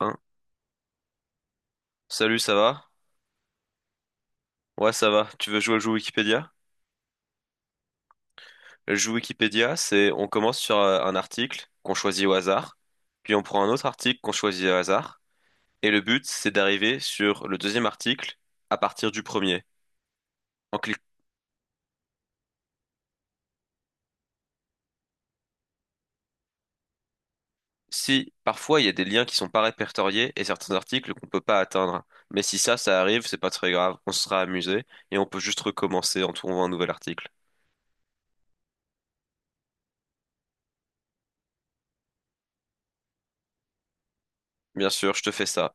Hein. Salut, ça va? Ouais, ça va. Tu veux jouer au jeu Wikipédia? Le jeu Wikipédia, c'est on commence sur un article qu'on choisit au hasard, puis on prend un autre article qu'on choisit au hasard, et le but, c'est d'arriver sur le deuxième article à partir du premier. En clic- Si parfois il y a des liens qui sont pas répertoriés et certains articles qu'on peut pas atteindre, mais si ça, ça arrive, c'est pas très grave, on sera amusé et on peut juste recommencer en trouvant un nouvel article. Bien sûr, je te fais ça.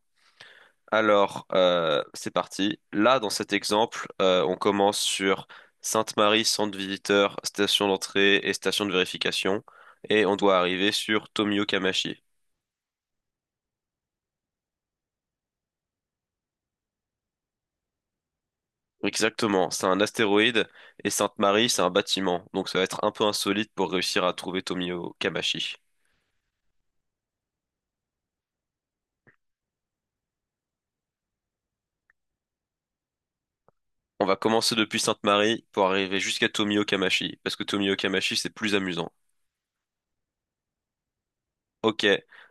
Alors, c'est parti. Là, dans cet exemple, on commence sur Sainte-Marie, centre visiteur, station d'entrée et station de vérification, et on doit arriver sur Tomio Kamachi. Exactement, c'est un astéroïde, et Sainte-Marie, c'est un bâtiment, donc ça va être un peu insolite pour réussir à trouver Tomio Kamachi. On va commencer depuis Sainte-Marie pour arriver jusqu'à Tomio Kamachi, parce que Tomio Kamachi, c'est plus amusant. Ok.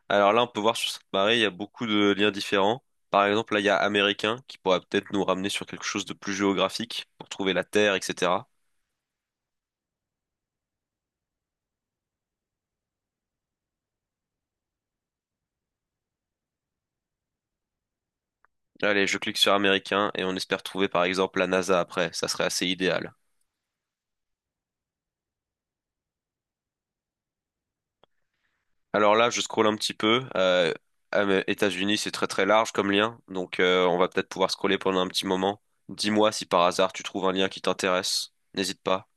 Alors là, on peut voir sur cette marée, il y a beaucoup de liens différents. Par exemple, là, il y a américain qui pourrait peut-être nous ramener sur quelque chose de plus géographique pour trouver la Terre, etc. Allez, je clique sur américain et on espère trouver par exemple la NASA après. Ça serait assez idéal. Alors là, je scrolle un petit peu. États-Unis, c'est très très large comme lien, donc on va peut-être pouvoir scroller pendant un petit moment. Dis-moi si par hasard tu trouves un lien qui t'intéresse. N'hésite pas.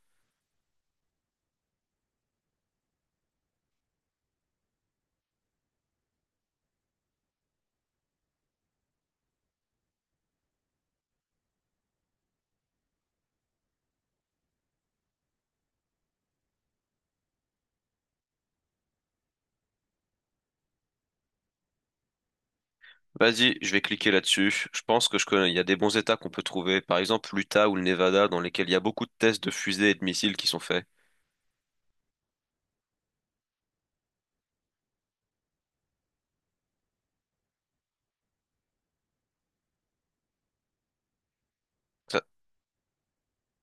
Vas-y, je vais cliquer là-dessus. Je pense que je connais, il y a des bons états qu'on peut trouver. Par exemple, l'Utah ou le Nevada, dans lesquels il y a beaucoup de tests de fusées et de missiles qui sont faits. Ça,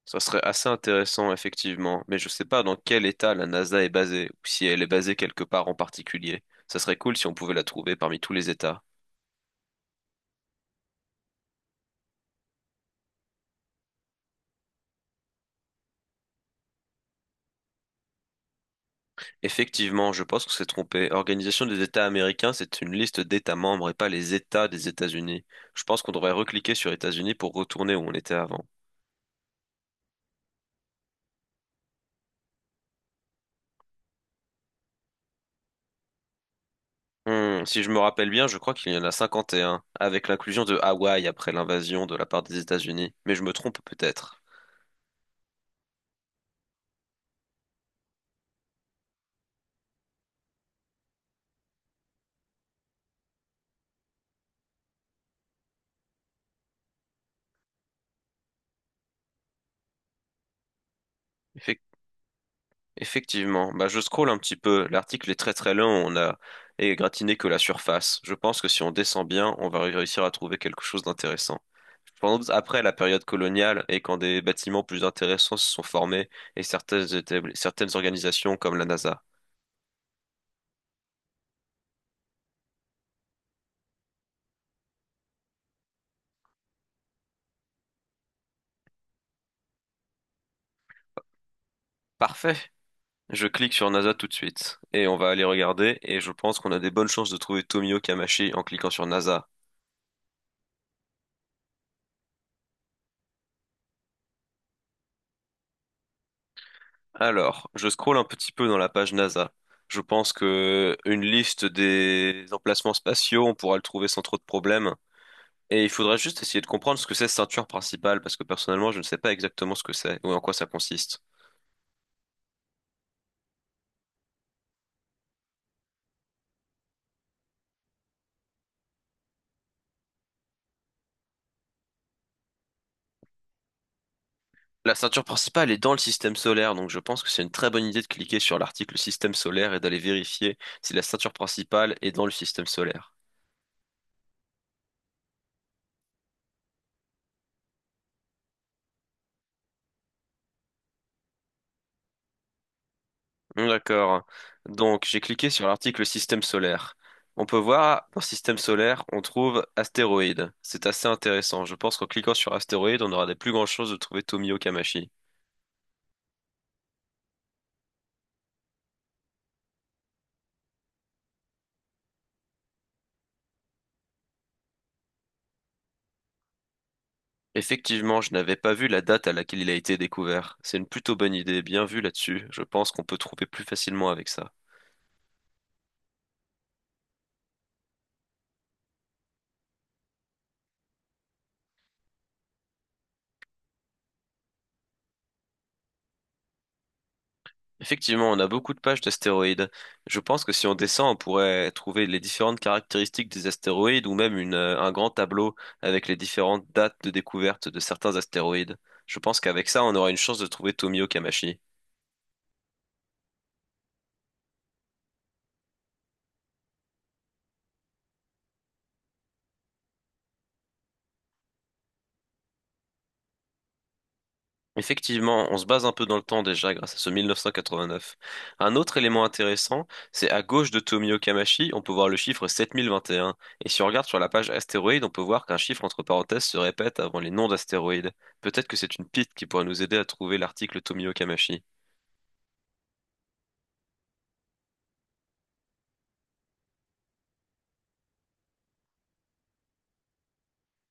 ça serait assez intéressant, effectivement. Mais je sais pas dans quel état la NASA est basée, ou si elle est basée quelque part en particulier. Ça serait cool si on pouvait la trouver parmi tous les états. Effectivement, je pense qu'on s'est trompé. Organisation des États américains, c'est une liste d'États membres et pas les États des États-Unis. Je pense qu'on devrait recliquer sur États-Unis pour retourner où on était avant. Si je me rappelle bien, je crois qu'il y en a 51, avec l'inclusion de Hawaï après l'invasion de la part des États-Unis. Mais je me trompe peut-être. Effectivement. Effectivement, bah, je scrolle un petit peu. L'article est très très long, on a égratigné que la surface. Je pense que si on descend bien, on va réussir à trouver quelque chose d'intéressant. Je pense après la période coloniale et quand des bâtiments plus intéressants se sont formés et certaines organisations comme la NASA. Parfait. Je clique sur NASA tout de suite et on va aller regarder et je pense qu'on a des bonnes chances de trouver Tomio Kamashi en cliquant sur NASA. Alors, je scrolle un petit peu dans la page NASA. Je pense que une liste des emplacements spatiaux, on pourra le trouver sans trop de problèmes. Et il faudra juste essayer de comprendre ce que c'est ceinture principale, parce que personnellement, je ne sais pas exactement ce que c'est ou en quoi ça consiste. La ceinture principale est dans le système solaire, donc je pense que c'est une très bonne idée de cliquer sur l'article système solaire et d'aller vérifier si la ceinture principale est dans le système solaire. D'accord. Donc, j'ai cliqué sur l'article système solaire. On peut voir, dans système solaire, on trouve astéroïdes. C'est assez intéressant. Je pense qu'en cliquant sur astéroïdes, on aura des plus grandes chances de trouver Tomio Kamashi. Effectivement, je n'avais pas vu la date à laquelle il a été découvert. C'est une plutôt bonne idée, bien vu là-dessus. Je pense qu'on peut trouver plus facilement avec ça. Effectivement, on a beaucoup de pages d'astéroïdes. Je pense que si on descend, on pourrait trouver les différentes caractéristiques des astéroïdes ou même un grand tableau avec les différentes dates de découverte de certains astéroïdes. Je pense qu'avec ça, on aura une chance de trouver Tomio Kamachi. Effectivement, on se base un peu dans le temps déjà grâce à ce 1989. Un autre élément intéressant, c'est à gauche de Tomio Kamashi, on peut voir le chiffre 7021. Et un. Et si on regarde sur la page astéroïde, on peut voir qu'un chiffre entre parenthèses se répète avant les noms d'astéroïdes. Peut-être que c'est une piste qui pourrait nous aider à trouver l'article Tomio Kamashi.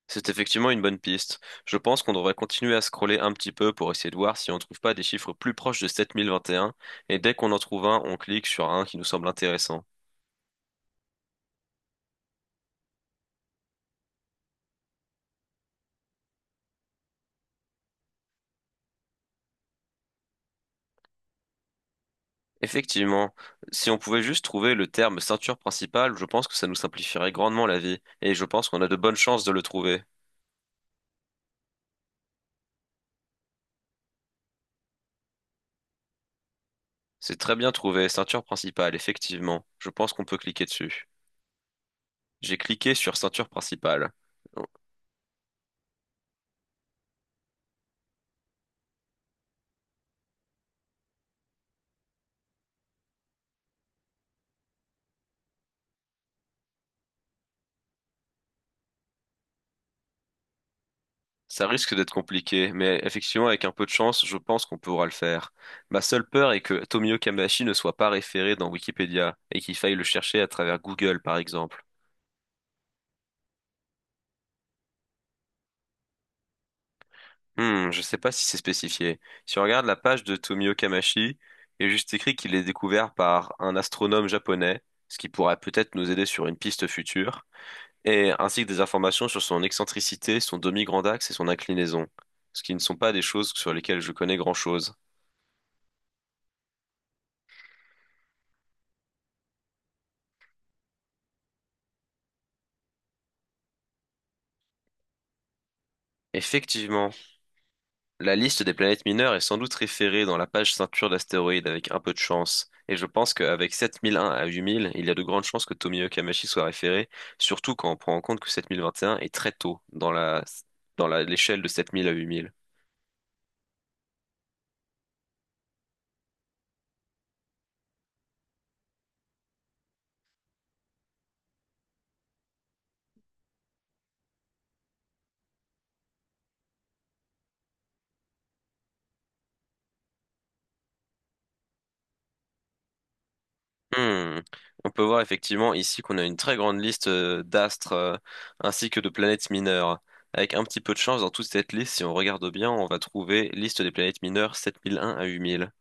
C'est effectivement une bonne piste. Je pense qu'on devrait continuer à scroller un petit peu pour essayer de voir si on ne trouve pas des chiffres plus proches de 7021, et un, et dès qu'on en trouve un, on clique sur un qui nous semble intéressant. Effectivement, si on pouvait juste trouver le terme ceinture principale, je pense que ça nous simplifierait grandement la vie, et je pense qu'on a de bonnes chances de le trouver. C'est très bien trouvé, ceinture principale, effectivement. Je pense qu'on peut cliquer dessus. J'ai cliqué sur ceinture principale. Ça risque d'être compliqué, mais effectivement, avec un peu de chance, je pense qu'on pourra le faire. Ma seule peur est que Tomio Kamashi ne soit pas référé dans Wikipédia et qu'il faille le chercher à travers Google, par exemple. Je sais pas si c'est spécifié. Si on regarde la page de Tomio Kamashi, il est juste écrit qu'il est découvert par un astronome japonais, ce qui pourrait peut-être nous aider sur une piste future, et ainsi que des informations sur son excentricité, son demi-grand axe et son inclinaison, ce qui ne sont pas des choses sur lesquelles je connais grand-chose. Effectivement. La liste des planètes mineures est sans doute référée dans la page ceinture d'astéroïdes avec un peu de chance, et je pense qu'avec 7001 à 8000, il y a de grandes chances que Tomie Kamachi soit référé, surtout quand on prend en compte que 7021 est très tôt dans l'échelle de 7000 à 8000. Hmm. On peut voir effectivement ici qu'on a une très grande liste d'astres ainsi que de planètes mineures. Avec un petit peu de chance, dans toute cette liste, si on regarde bien, on va trouver liste des planètes mineures 7001 à 8000.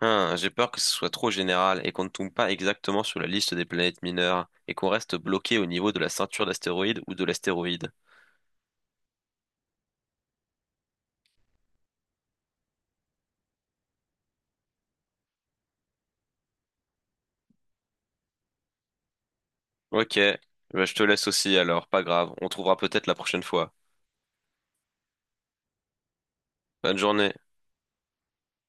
Hein, j'ai peur que ce soit trop général et qu'on ne tombe pas exactement sur la liste des planètes mineures et qu'on reste bloqué au niveau de la ceinture d'astéroïdes ou de l'astéroïde. Ok, bah, je te laisse aussi alors, pas grave, on trouvera peut-être la prochaine fois. Bonne journée.